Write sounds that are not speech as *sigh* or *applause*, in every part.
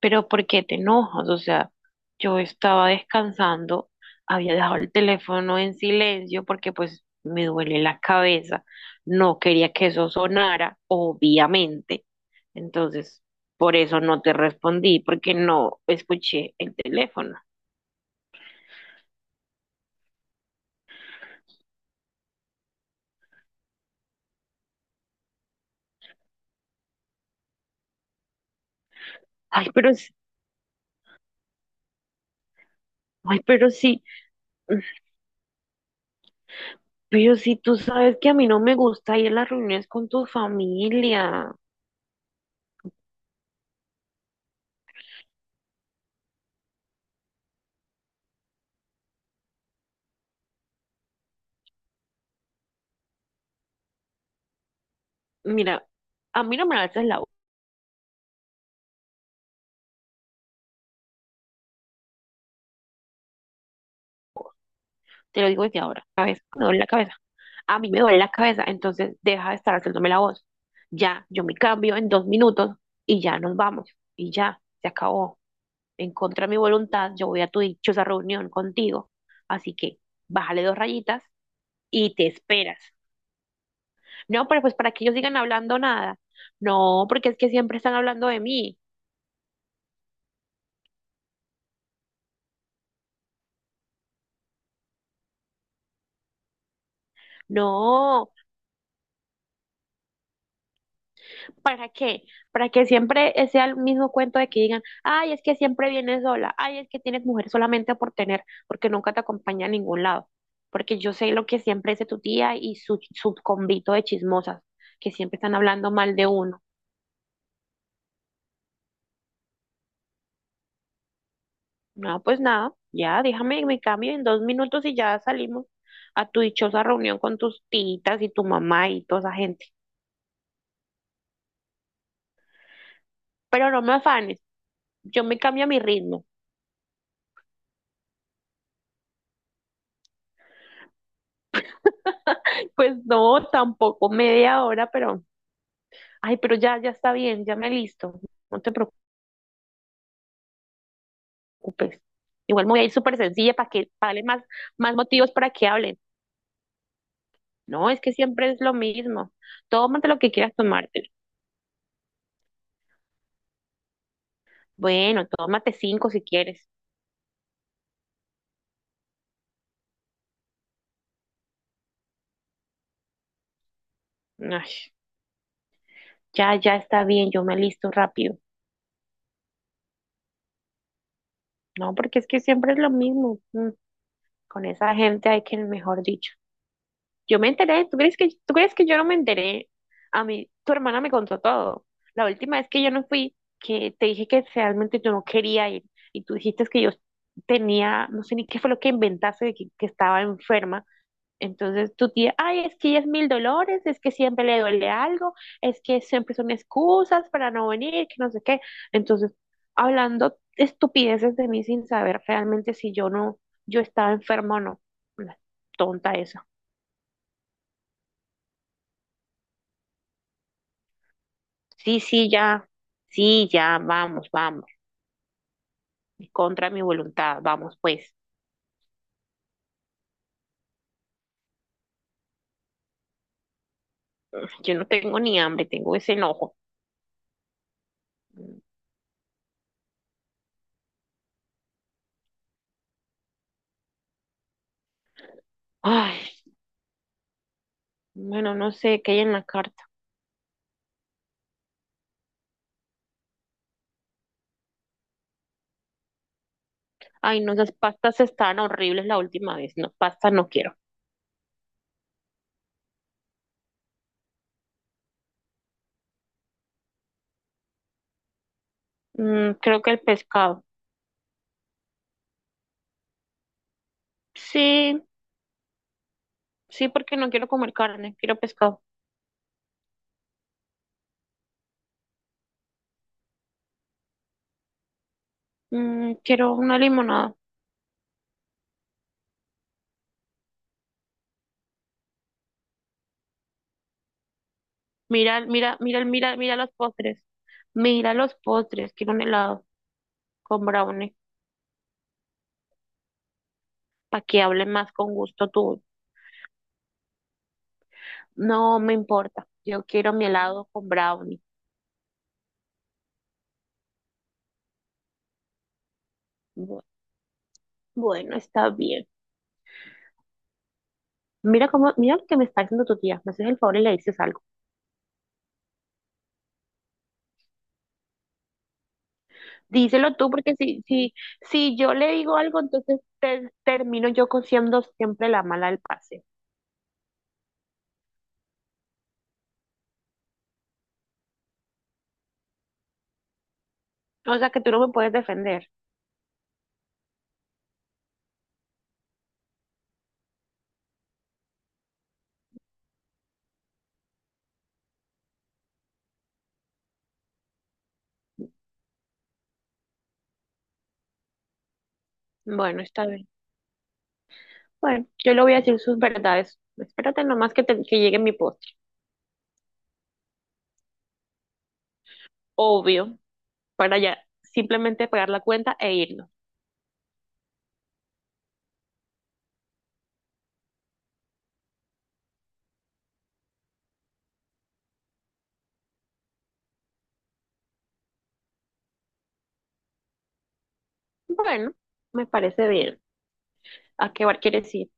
Pero ¿por qué te enojas? O sea, yo estaba descansando, había dejado el teléfono en silencio porque pues me duele la cabeza, no quería que eso sonara, obviamente. Entonces, por eso no te respondí, porque no escuché el teléfono. Ay, pero, sí- ay, pero sí, mm, pero sí, tú sabes que a mí no me gusta ir a las reuniones con tu familia. Mira, a mí no me alzas la voz, te lo digo desde ahora, cabeza, me duele la cabeza. A mí me duele la cabeza, entonces deja de estar haciéndome la voz. Ya, yo me cambio en 2 minutos y ya nos vamos. Y ya, se acabó. En contra de mi voluntad, yo voy a tu dichosa reunión contigo. Así que bájale dos rayitas y te esperas. No, pero pues para que ellos sigan hablando nada. No, porque es que siempre están hablando de mí. No, ¿para qué? Para que siempre sea el mismo cuento de que digan, ay, es que siempre vienes sola, ay, es que tienes mujer solamente por tener, porque nunca te acompaña a ningún lado. Porque yo sé lo que siempre dice tu tía y su convito de chismosas, que siempre están hablando mal de uno. No, pues nada, ya déjame me cambio en dos minutos y ya salimos a tu dichosa reunión con tus titas y tu mamá y toda esa gente. Pero no me afanes, yo me cambio a mi ritmo. *laughs* Pues no, tampoco media hora, pero ay, pero ya, ya está bien, ya me listo, no te preocupes. Igual me voy a ir súper sencilla para que para darle más, más motivos para que hablen. No, es que siempre es lo mismo. Tómate lo que quieras tomarte. Bueno, tómate cinco si quieres. Ay, ya, ya está bien, yo me listo rápido. No, porque es que siempre es lo mismo. Mm, con esa gente hay que, mejor dicho. Yo me enteré. ¿Tú crees que yo no me enteré? A mí, tu hermana me contó todo. La última vez que yo no fui, que te dije que realmente yo no quería ir y tú dijiste que yo tenía, no sé ni qué fue lo que inventaste, de que estaba enferma. Entonces tu tía, ay, es que ella es mil dolores, es que siempre le duele algo, es que siempre son excusas para no venir, que no sé qué. Entonces, hablando estupideces de mí sin saber realmente yo estaba enferma o no. Una tonta esa. Sí, sí, ya, sí, ya, vamos, vamos, contra mi voluntad, vamos pues. Yo no tengo ni hambre, tengo ese enojo. Ay, bueno, no sé qué hay en la carta. Ay, no, esas pastas estaban horribles la última vez. No, pasta no quiero. Mm, creo que el pescado. Sí, sí, porque no quiero comer carne, quiero pescado. Mm, quiero una limonada. Mira, mira, mira, mira, mira los postres. Mira los postres, quiero un helado con brownie, para que hable más con gusto tu. No me importa. Yo quiero mi helado con brownie. Bu- Bueno, está bien. Mira cómo, mira lo que me está haciendo tu tía. Me haces el favor y le dices algo. Díselo tú, porque si yo le digo algo, entonces termino yo siendo siempre la mala del pase. O sea que tú no me puedes defender. Bueno, está bien. Bueno, yo le voy a decir sus verdades. Espérate nomás que llegue mi postre. Obvio, para ya simplemente pagar la cuenta e irnos. Bueno, me parece bien. ¿A qué bar quieres ir?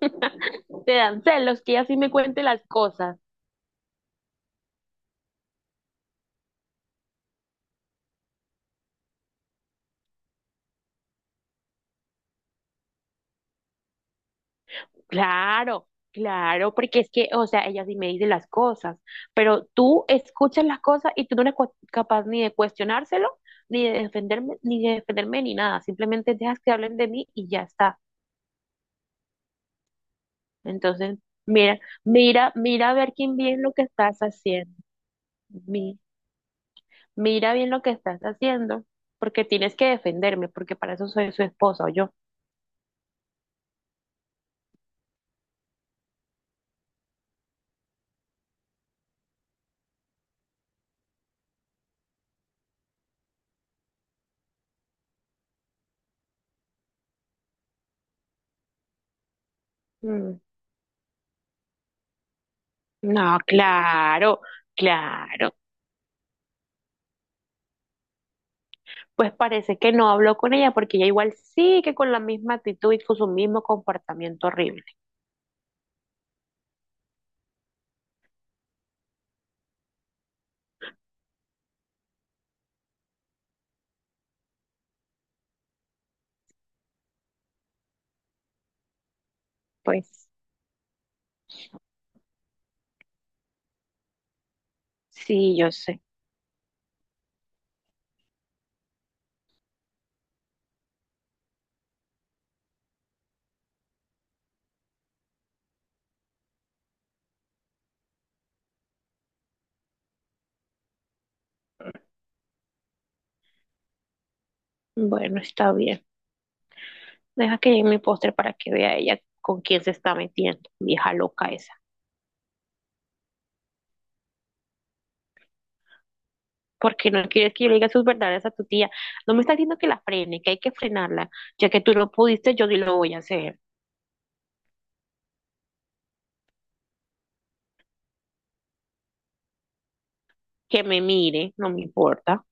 *laughs* Te dan celos que ella sí me cuente las cosas. Claro, claro, porque es que, o sea, ella sí me dice las cosas, pero tú escuchas las cosas y tú no eres capaz ni de cuestionárselo, ni de defenderme, ni de defenderme, ni nada. Simplemente dejas que hablen de mí y ya está. Entonces, mira, mira, mira a ver quién bien lo que estás haciendo. Mi- Mira bien lo que estás haciendo, porque tienes que defenderme, porque para eso soy su esposa o yo. Mm, no, claro. Claro, pues parece que no habló con ella porque ella igual sigue con la misma actitud y con su mismo comportamiento horrible. Pues sí, yo sé. Bueno, está bien. Deja que llegue mi póster para que vea ella con quién se está metiendo, vieja loca esa. Porque no quieres que yo le diga sus verdades a tu tía. No me está diciendo que la frene, que hay que frenarla. Ya que tú no pudiste, yo sí lo voy a hacer. Que me mire, no me importa.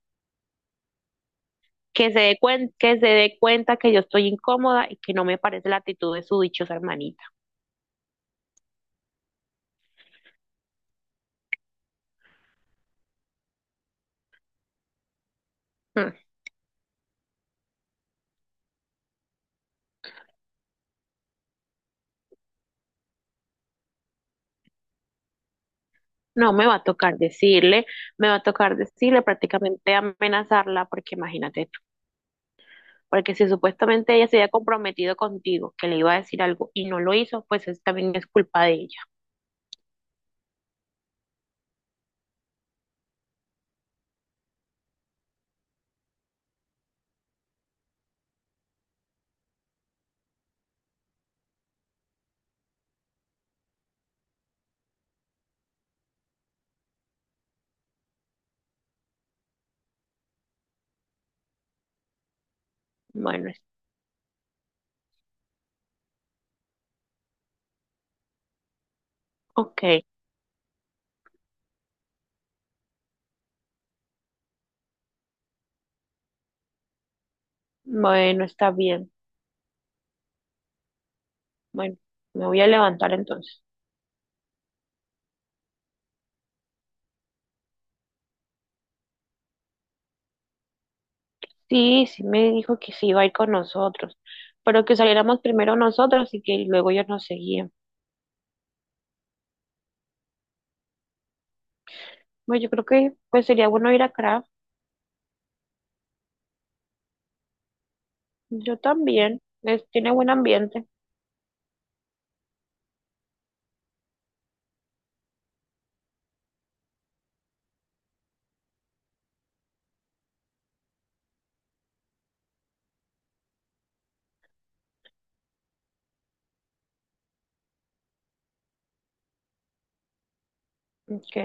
Que se dé cuenta que yo estoy incómoda y que no me parece la actitud de su dichosa hermanita. Mm. No, me va a tocar decirle, me va a tocar decirle, prácticamente amenazarla, porque imagínate tú, porque si supuestamente ella se había comprometido contigo, que le iba a decir algo y no lo hizo, pues también es culpa de ella. Bueno, ok, bueno, está bien. Bueno, me voy a levantar entonces. Sí, sí me dijo que sí iba a ir con nosotros, pero que saliéramos primero nosotros y que luego ellos nos seguían. Bueno, yo creo que pues sería bueno ir a Craft. Yo también, es, tiene buen ambiente. Ok,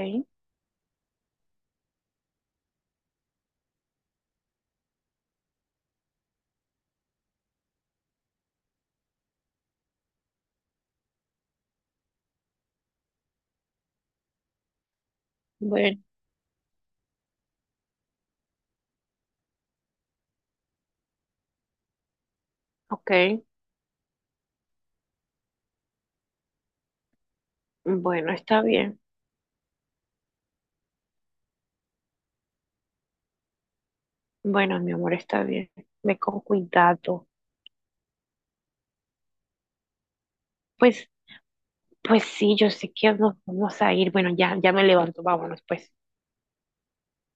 bueno, ok. Bueno, está bien. Bueno, mi amor, está bien. Ve con cuidado. Pues, pues sí, yo sé que nos vamos a ir. Bueno, ya, ya me levanto. Vámonos, pues.